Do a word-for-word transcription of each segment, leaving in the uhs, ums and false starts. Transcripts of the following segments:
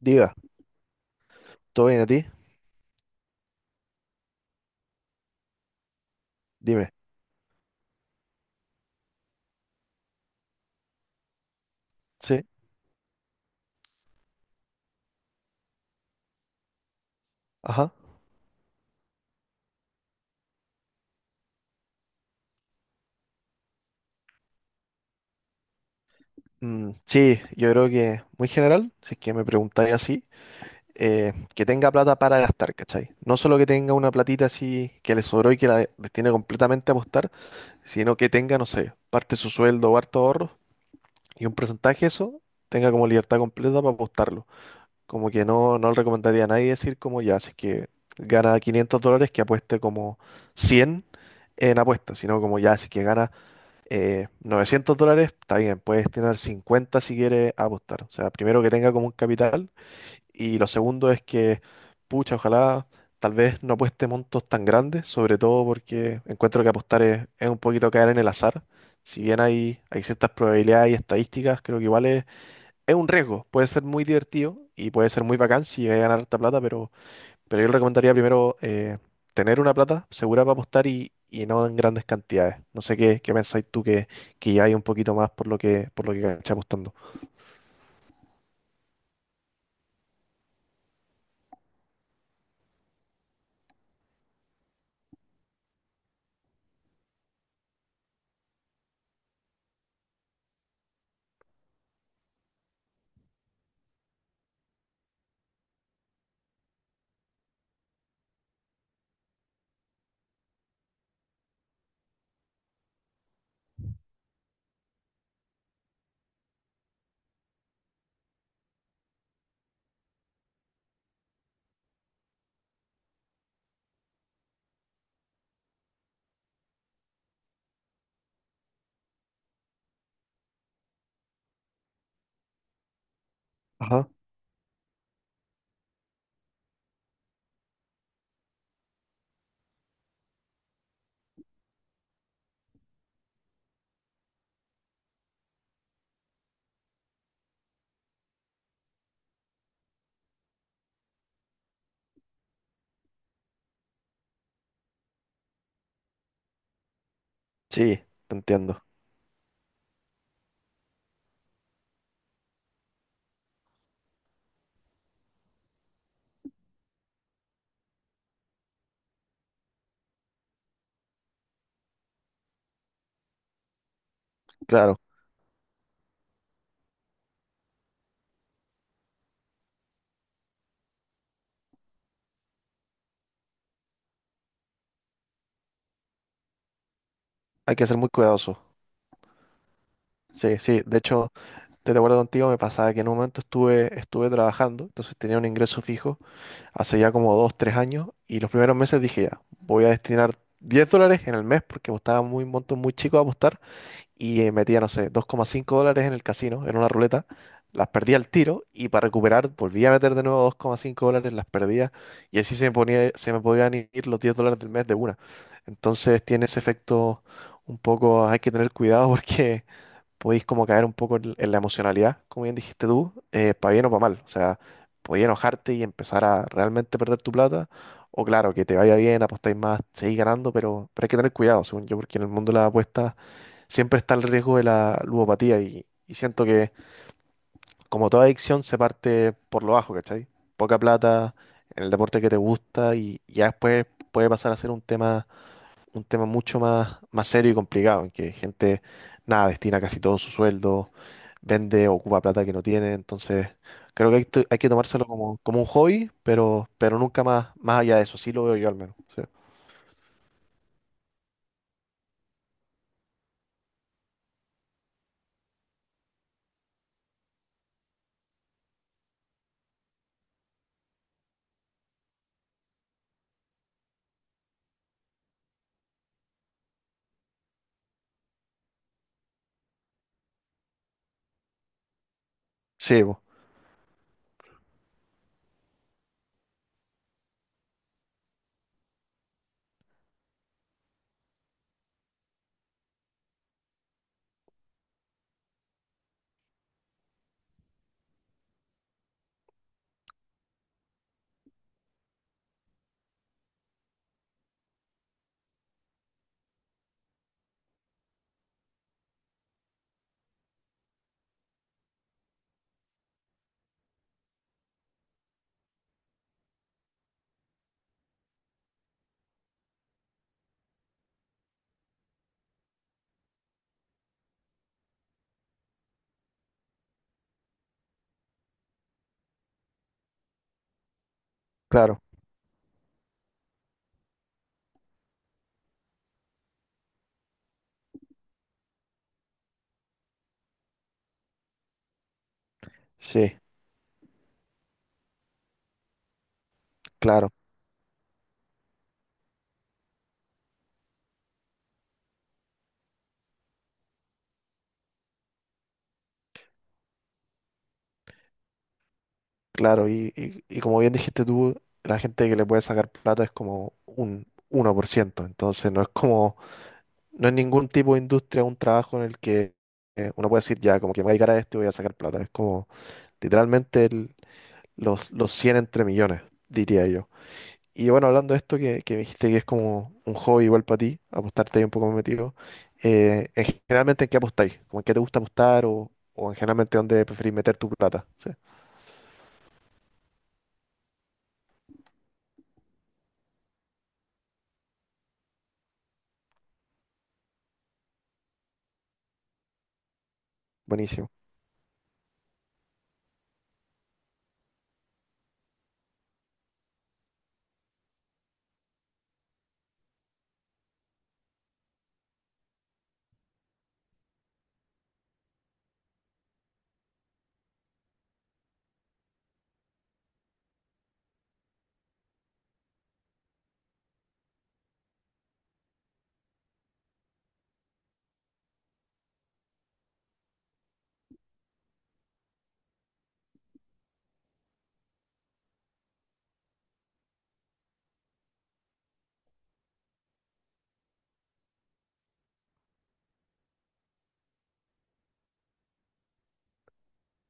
Diga, ¿todo bien a ti? Dime. Sí, ajá. Mm, sí, yo creo que muy general, si es que me preguntáis así, eh, que tenga plata para gastar, ¿cachai? No solo que tenga una platita así que le sobró y que la de- destine completamente a apostar, sino que tenga, no sé, parte de su sueldo o harto ahorro y un porcentaje de eso tenga como libertad completa para apostarlo. Como que no, no le recomendaría a nadie decir como ya, si es que gana quinientos dólares que apueste como cien en apuestas, sino como ya, si es que gana Eh, novecientos dólares, está bien, puedes tener cincuenta si quieres apostar. O sea, primero que tenga como un capital y lo segundo es que, pucha, ojalá tal vez no apueste montos tan grandes, sobre todo porque encuentro que apostar es, es un poquito caer en el azar. Si bien hay, hay ciertas probabilidades y estadísticas, creo que igual es, es un riesgo. Puede ser muy divertido y puede ser muy bacán si llegas a ganar harta plata, pero pero yo le recomendaría primero eh, tener una plata segura para apostar y, y no en grandes cantidades. No sé qué, qué pensáis tú que, que ya hay un poquito más por lo que, por lo que cachai apostando. Ajá. Sí, te entiendo. Claro, hay que ser muy cuidadoso. Sí, sí. De hecho, estoy de acuerdo contigo, me pasaba que en un momento estuve, estuve trabajando, entonces tenía un ingreso fijo hace ya como dos, tres años, y los primeros meses dije ya, voy a destinar diez dólares en el mes porque apostaba muy montos muy chicos a apostar y eh, metía, no sé, dos coma cinco dólares en el casino, en una ruleta, las perdía al tiro y para recuperar volvía a meter de nuevo dos coma cinco dólares, las perdía y así se me ponía, se me podían ir los diez dólares del mes de una. Entonces tiene ese efecto un poco, hay que tener cuidado porque podéis como caer un poco en, en la emocionalidad, como bien dijiste tú, para bien o para mal. O sea, podéis enojarte y empezar a realmente perder tu plata. O claro, que te vaya bien, apostáis más, seguís ganando, pero, pero hay que tener cuidado, según yo, porque en el mundo de las apuestas siempre está el riesgo de la ludopatía y, y siento que, como toda adicción, se parte por lo bajo, ¿cachai? Poca plata en el deporte que te gusta y ya después puede pasar a ser un tema un tema mucho más, más serio y complicado, en que gente, nada, destina casi todo su sueldo, vende, ocupa plata que no tiene, entonces creo que hay, to- hay que tomárselo como, como un hobby, pero, pero nunca más, más allá de eso, sí lo veo yo al menos. Sí, sí, po, claro, sí, claro, claro, y, y, y como bien dijiste tú, la gente que le puede sacar plata es como un uno por ciento entonces no es como, no es ningún tipo de industria, un trabajo en el que... eh, uno puede decir ya, como que me voy a dedicar a esto y voy a sacar plata. Es como literalmente el- los, los cien entre millones, diría yo. Y bueno, hablando de esto, que, que me dijiste que es como un hobby igual para ti, apostarte ahí un poco más metido, eh, en generalmente en qué apostáis, como en qué te gusta apostar o, o en generalmente dónde preferís meter tu plata. Sí, buenísimo.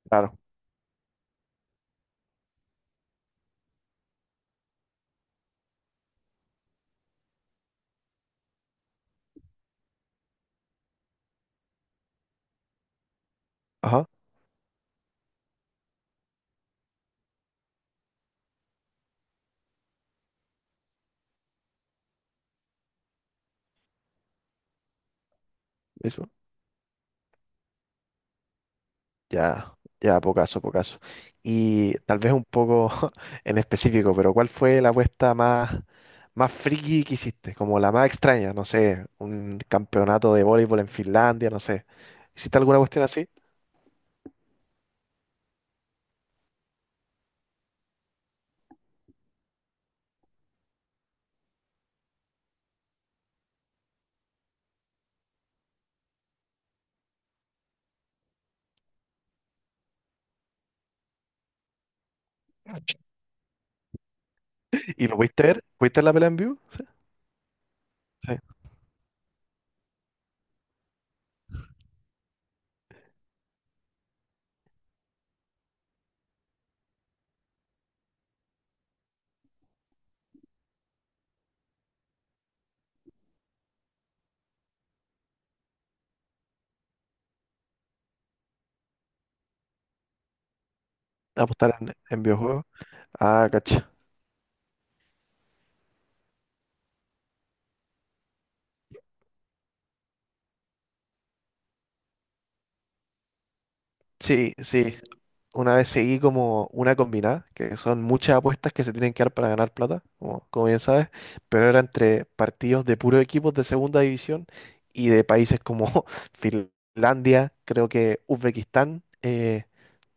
Claro. Ajá, eso. Ya, ya, pocaso, pocaso. Y tal vez un poco en específico, pero ¿cuál fue la apuesta más, más friki que hiciste? Como la más extraña, no sé, un campeonato de voleibol en Finlandia, no sé. ¿Hiciste alguna cuestión así? ¿Y lo pudiste ver? ¿Pudiste ver la pelea en vivo? Sí. Sí. Apostar en, en videojuegos. Ah, cacho. Sí, sí, una vez seguí como una combinada, que son muchas apuestas que se tienen que dar para ganar plata, como, como bien sabes, pero era entre partidos de puros equipos de segunda división y de países como Finlandia, creo que Uzbekistán, eh,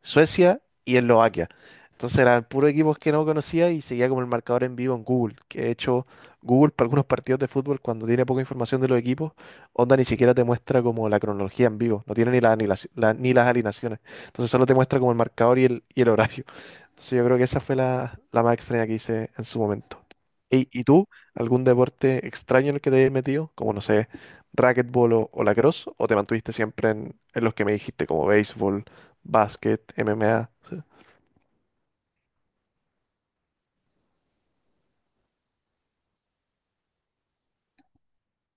Suecia y Eslovaquia. Entonces eran puros equipos que no conocía y seguía como el marcador en vivo en Google, que de hecho Google para algunos partidos de fútbol cuando tiene poca información de los equipos, onda ni siquiera te muestra como la cronología en vivo, no tiene ni, la- ni las, la- ni las alineaciones. Entonces solo te muestra como el marcador y el, y el horario. Entonces yo creo que esa fue la, la más extraña que hice en su momento. ¿Y, y tú, algún deporte extraño en el que te hayas metido? Como no sé, racquetball o, o lacrosse, o te mantuviste siempre en, en los que me dijiste, como béisbol, básquet, M M A. Sí.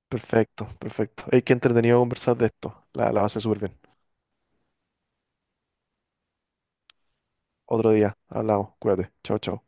Perfecto, perfecto. Hay que entretenido conversar de esto. La, la base súper bien. Otro día, hablamos, cuídate. Chao, chao.